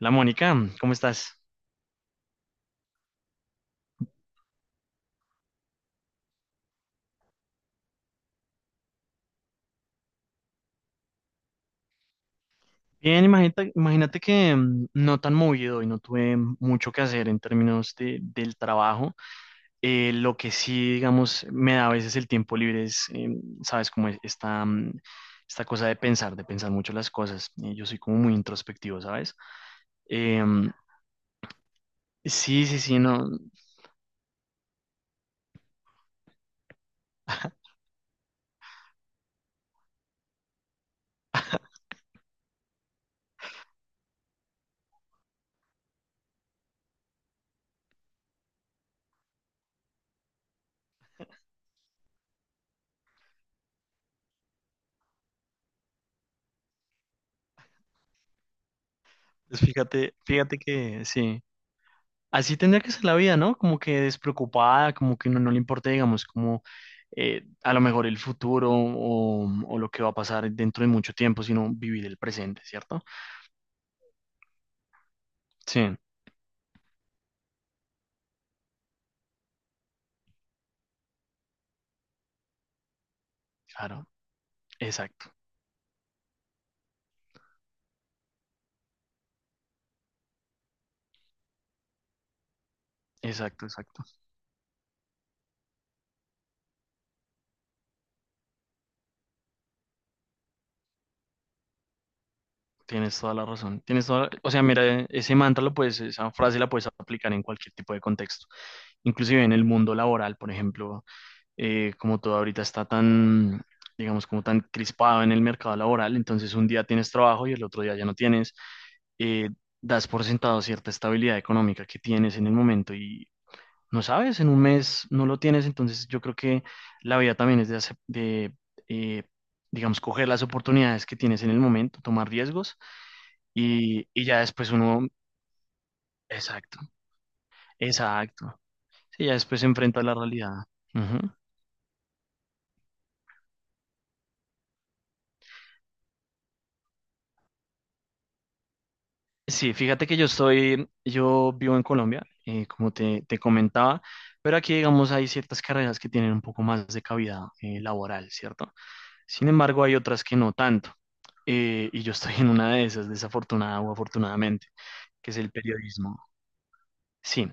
Hola Mónica, ¿cómo estás? Bien, imagínate, imagínate que no tan movido y no tuve mucho que hacer en términos del trabajo. Lo que sí, digamos, me da a veces el tiempo libre es, sabes, como esta, esta cosa de pensar mucho las cosas. Yo soy como muy introspectivo, ¿sabes? Em, sí, sí, sí, no. Pues fíjate que sí. Así tendría que ser la vida, ¿no? Como que despreocupada, como que no, no le importa, digamos, como a lo mejor el futuro o lo que va a pasar dentro de mucho tiempo, sino vivir el presente, ¿cierto? Sí, claro, exacto, exacto, exacto. Tienes toda la razón. O sea, mira, ese mantra lo puedes, esa frase la puedes aplicar en cualquier tipo de contexto, inclusive en el mundo laboral, por ejemplo, como todo ahorita está tan, digamos, como tan crispado en el mercado laboral, entonces un día tienes trabajo y el otro día ya no tienes, eh, das por sentado cierta estabilidad económica que tienes en el momento y no sabes, en un mes no lo tienes, entonces yo creo que la vida también es de eh, digamos, coger las oportunidades que tienes en el momento, tomar riesgos y, ya después uno, exacto, exacto, sí, ya después se enfrenta a la realidad. Sí, fíjate que yo estoy, yo vivo en Colombia, como te comentaba, pero aquí, digamos, hay ciertas carreras que tienen un poco más de cabida laboral, ¿cierto? Sin embargo, hay otras que no tanto. Y yo estoy en una de esas, desafortunada o afortunadamente, que es el periodismo. Sí,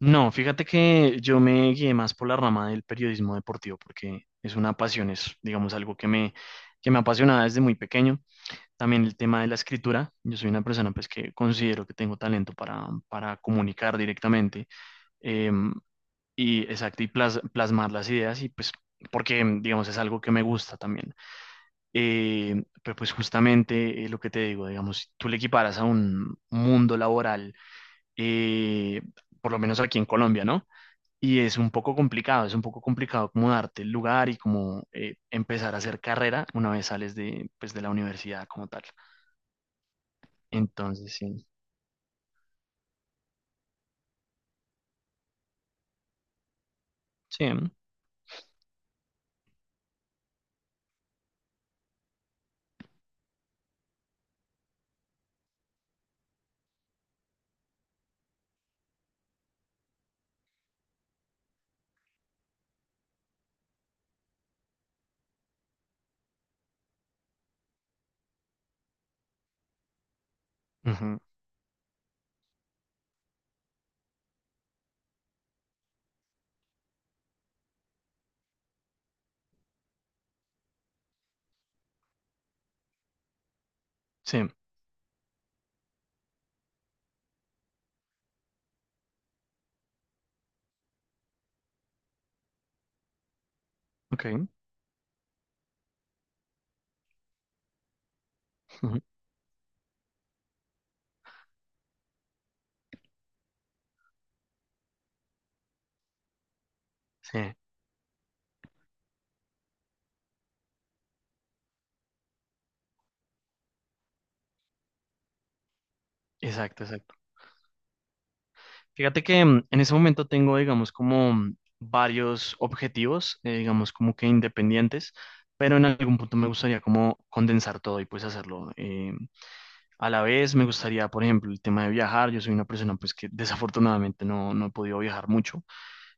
no, fíjate que yo me guié más por la rama del periodismo deportivo, porque es una pasión, es, digamos, algo que me apasionaba desde muy pequeño. También el tema de la escritura. Yo soy una persona pues que considero que tengo talento para comunicar directamente eh, y exacto, y plasmar las ideas y pues porque digamos es algo que me gusta también. Pero pues justamente lo que te digo, digamos, si tú le equiparas a un mundo laboral, eh, por lo menos aquí en Colombia, ¿no? Y es un poco complicado, es un poco complicado como darte el lugar y como empezar a hacer carrera una vez sales de, pues, de la universidad como tal. Entonces, sí. Sí, ujú, sí, ok, ujú, sí, exacto, exacto. Fíjate que en ese momento tengo, digamos, como varios objetivos, digamos, como que independientes, pero en algún punto me gustaría como condensar todo y pues hacerlo. A la vez me gustaría, por ejemplo, el tema de viajar. Yo soy una persona pues que desafortunadamente no, no he podido viajar mucho.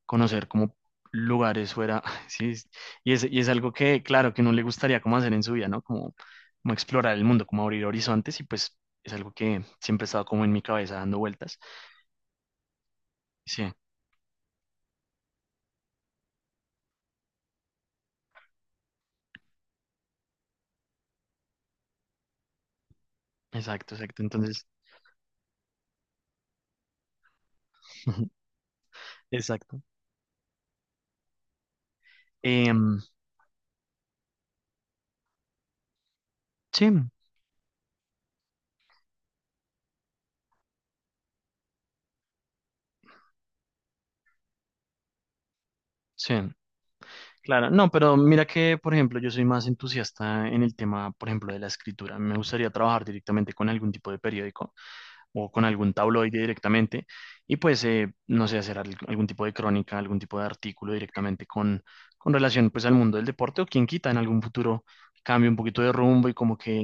Conocer como lugares fuera, sí, y es algo que, claro, que no le gustaría como hacer en su vida, ¿no? Como, como explorar el mundo, como abrir horizontes y pues es algo que siempre ha estado como en mi cabeza dando vueltas. Sí, exacto, exacto, entonces, exacto. Em, sí, sí. Claro, no, pero mira que, por ejemplo, yo soy más entusiasta en el tema, por ejemplo, de la escritura. Me gustaría trabajar directamente con algún tipo de periódico o con algún tabloide directamente y pues, no sé, hacer algún tipo de crónica, algún tipo de artículo directamente con relación pues al mundo del deporte o quien quita en algún futuro cambie un poquito de rumbo y como que,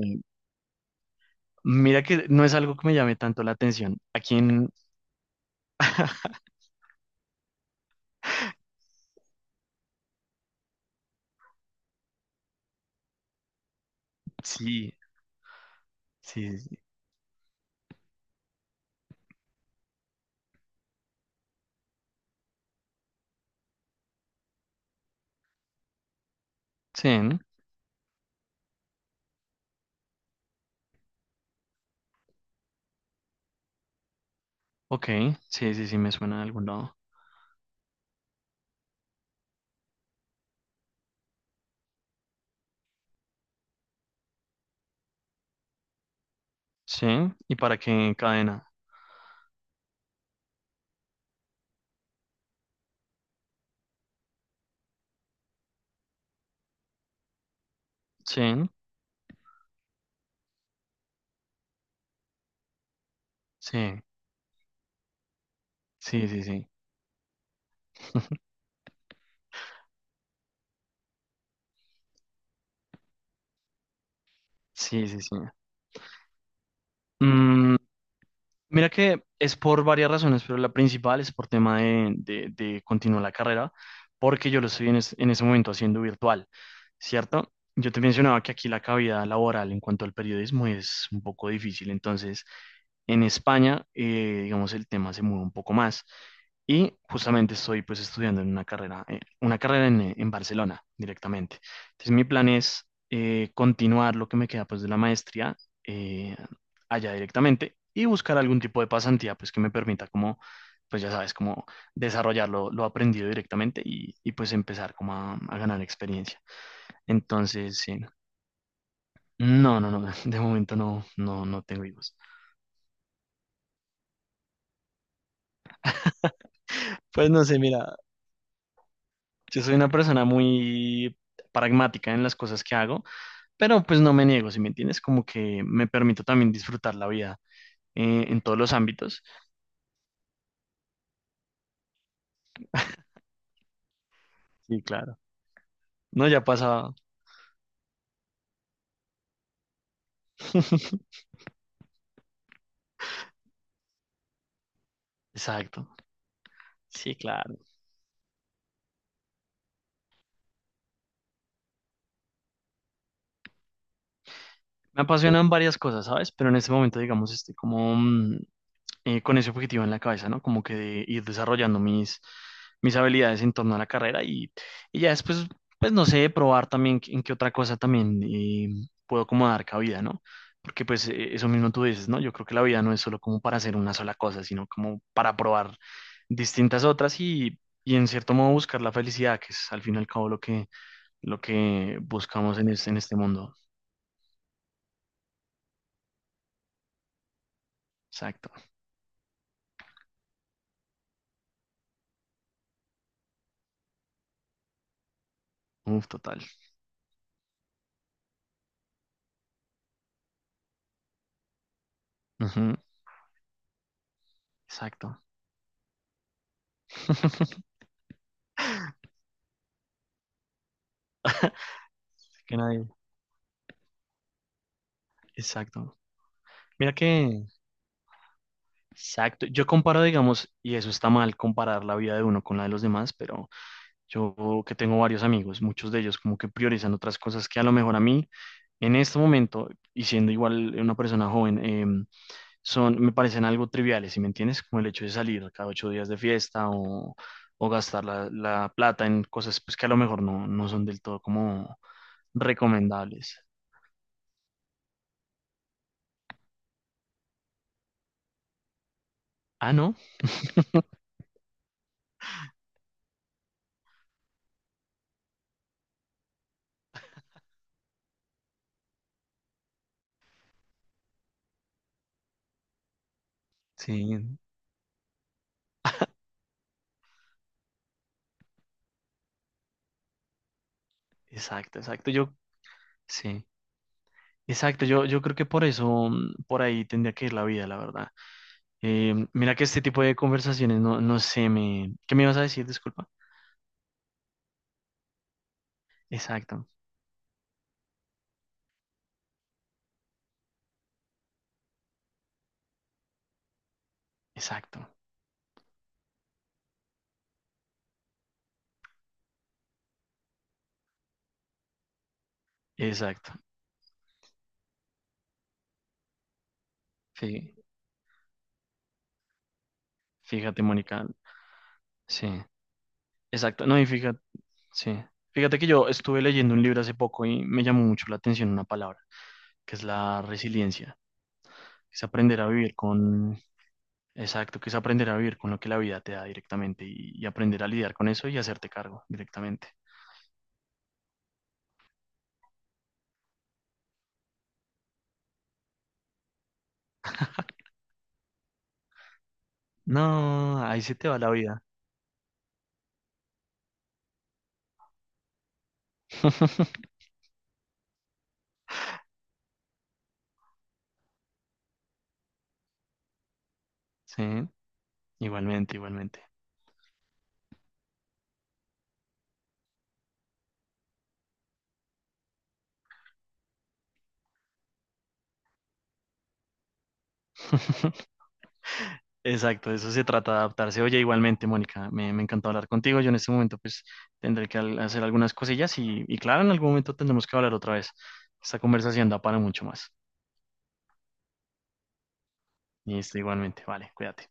mira que no es algo que me llame tanto la atención. ¿A quién? Sí, sí, sí. Sí, ¿no? Ok, sí, sí, sí, me suena de algún lado. Sí, ¿y para qué cadena? Sí, sí, sí, sí, sí. Sí, sí, sí. Mm, mira que es por varias razones, pero la principal es por tema de continuar la carrera, porque yo lo estoy en, en ese momento haciendo virtual, ¿cierto? Yo te mencionaba que aquí la cavidad laboral en cuanto al periodismo es un poco difícil, entonces en España, digamos, el tema se mueve un poco más. Y justamente estoy pues estudiando en una carrera en Barcelona directamente. Entonces mi plan es continuar lo que me queda pues de la maestría eh, allá directamente y buscar algún tipo de pasantía pues que me permita como, pues ya sabes, como desarrollar lo aprendido directamente y, pues empezar como a ganar experiencia. Entonces, sí. No, no, no, de momento no, no, no tengo hijos. Pues no sé, mira, yo soy una persona muy pragmática en las cosas que hago, pero pues no me niego, ¿si me entiendes? Como que me permito también disfrutar la vida en todos los ámbitos. Sí, claro. No, ya pasa. Exacto. Sí, claro. Me apasionan varias cosas, ¿sabes? Pero en este momento, digamos, estoy como con ese objetivo en la cabeza, ¿no? Como que de ir desarrollando mis, mis habilidades en torno a la carrera y ya después, pues no sé, probar también en qué otra cosa también puedo como dar cabida, ¿no? Porque pues eso mismo tú dices, ¿no? Yo creo que la vida no es solo como para hacer una sola cosa, sino como para probar distintas otras y en cierto modo buscar la felicidad, que es al fin y al cabo lo que buscamos en este mundo. Exacto. Uf, total. Ujú, exacto. Que nadie. Exacto. Mira que, exacto, yo comparo, digamos, y eso está mal, comparar la vida de uno con la de los demás, pero yo que tengo varios amigos, muchos de ellos como que priorizan otras cosas que a lo mejor a mí, en este momento, y siendo igual una persona joven, son, me parecen algo triviales, ¿sí me entiendes? Como el hecho de salir cada ocho días de fiesta o gastar la, la plata en cosas pues, que a lo mejor no, no son del todo como recomendables. Ah, ¿no? Sí, exacto, exacto. Yo, sí. Exacto, yo creo que por eso, por ahí tendría que ir la vida, la verdad. Mira que este tipo de conversaciones, no, no sé, me... ¿Qué me ibas a decir? Disculpa. Exacto, exacto, exacto. Fí- Fíjate, Mónica. Sí, exacto. No, y fíjate, sí. Fíjate que yo estuve leyendo un libro hace poco y me llamó mucho la atención una palabra, que es la resiliencia. Que es aprender a vivir con, exacto, que es aprender a vivir con lo que la vida te da directamente y aprender a lidiar con eso y hacerte cargo directamente. No, ahí se te va la vida. Sí, igualmente, igualmente. Exacto, de eso se trata de adaptarse. Oye, igualmente, Mónica, me encantó hablar contigo. Yo en este momento pues tendré que hacer algunas cosillas y claro, en algún momento tendremos que hablar otra vez. Esta conversación da para mucho más. Y esto igualmente, vale, cuídate.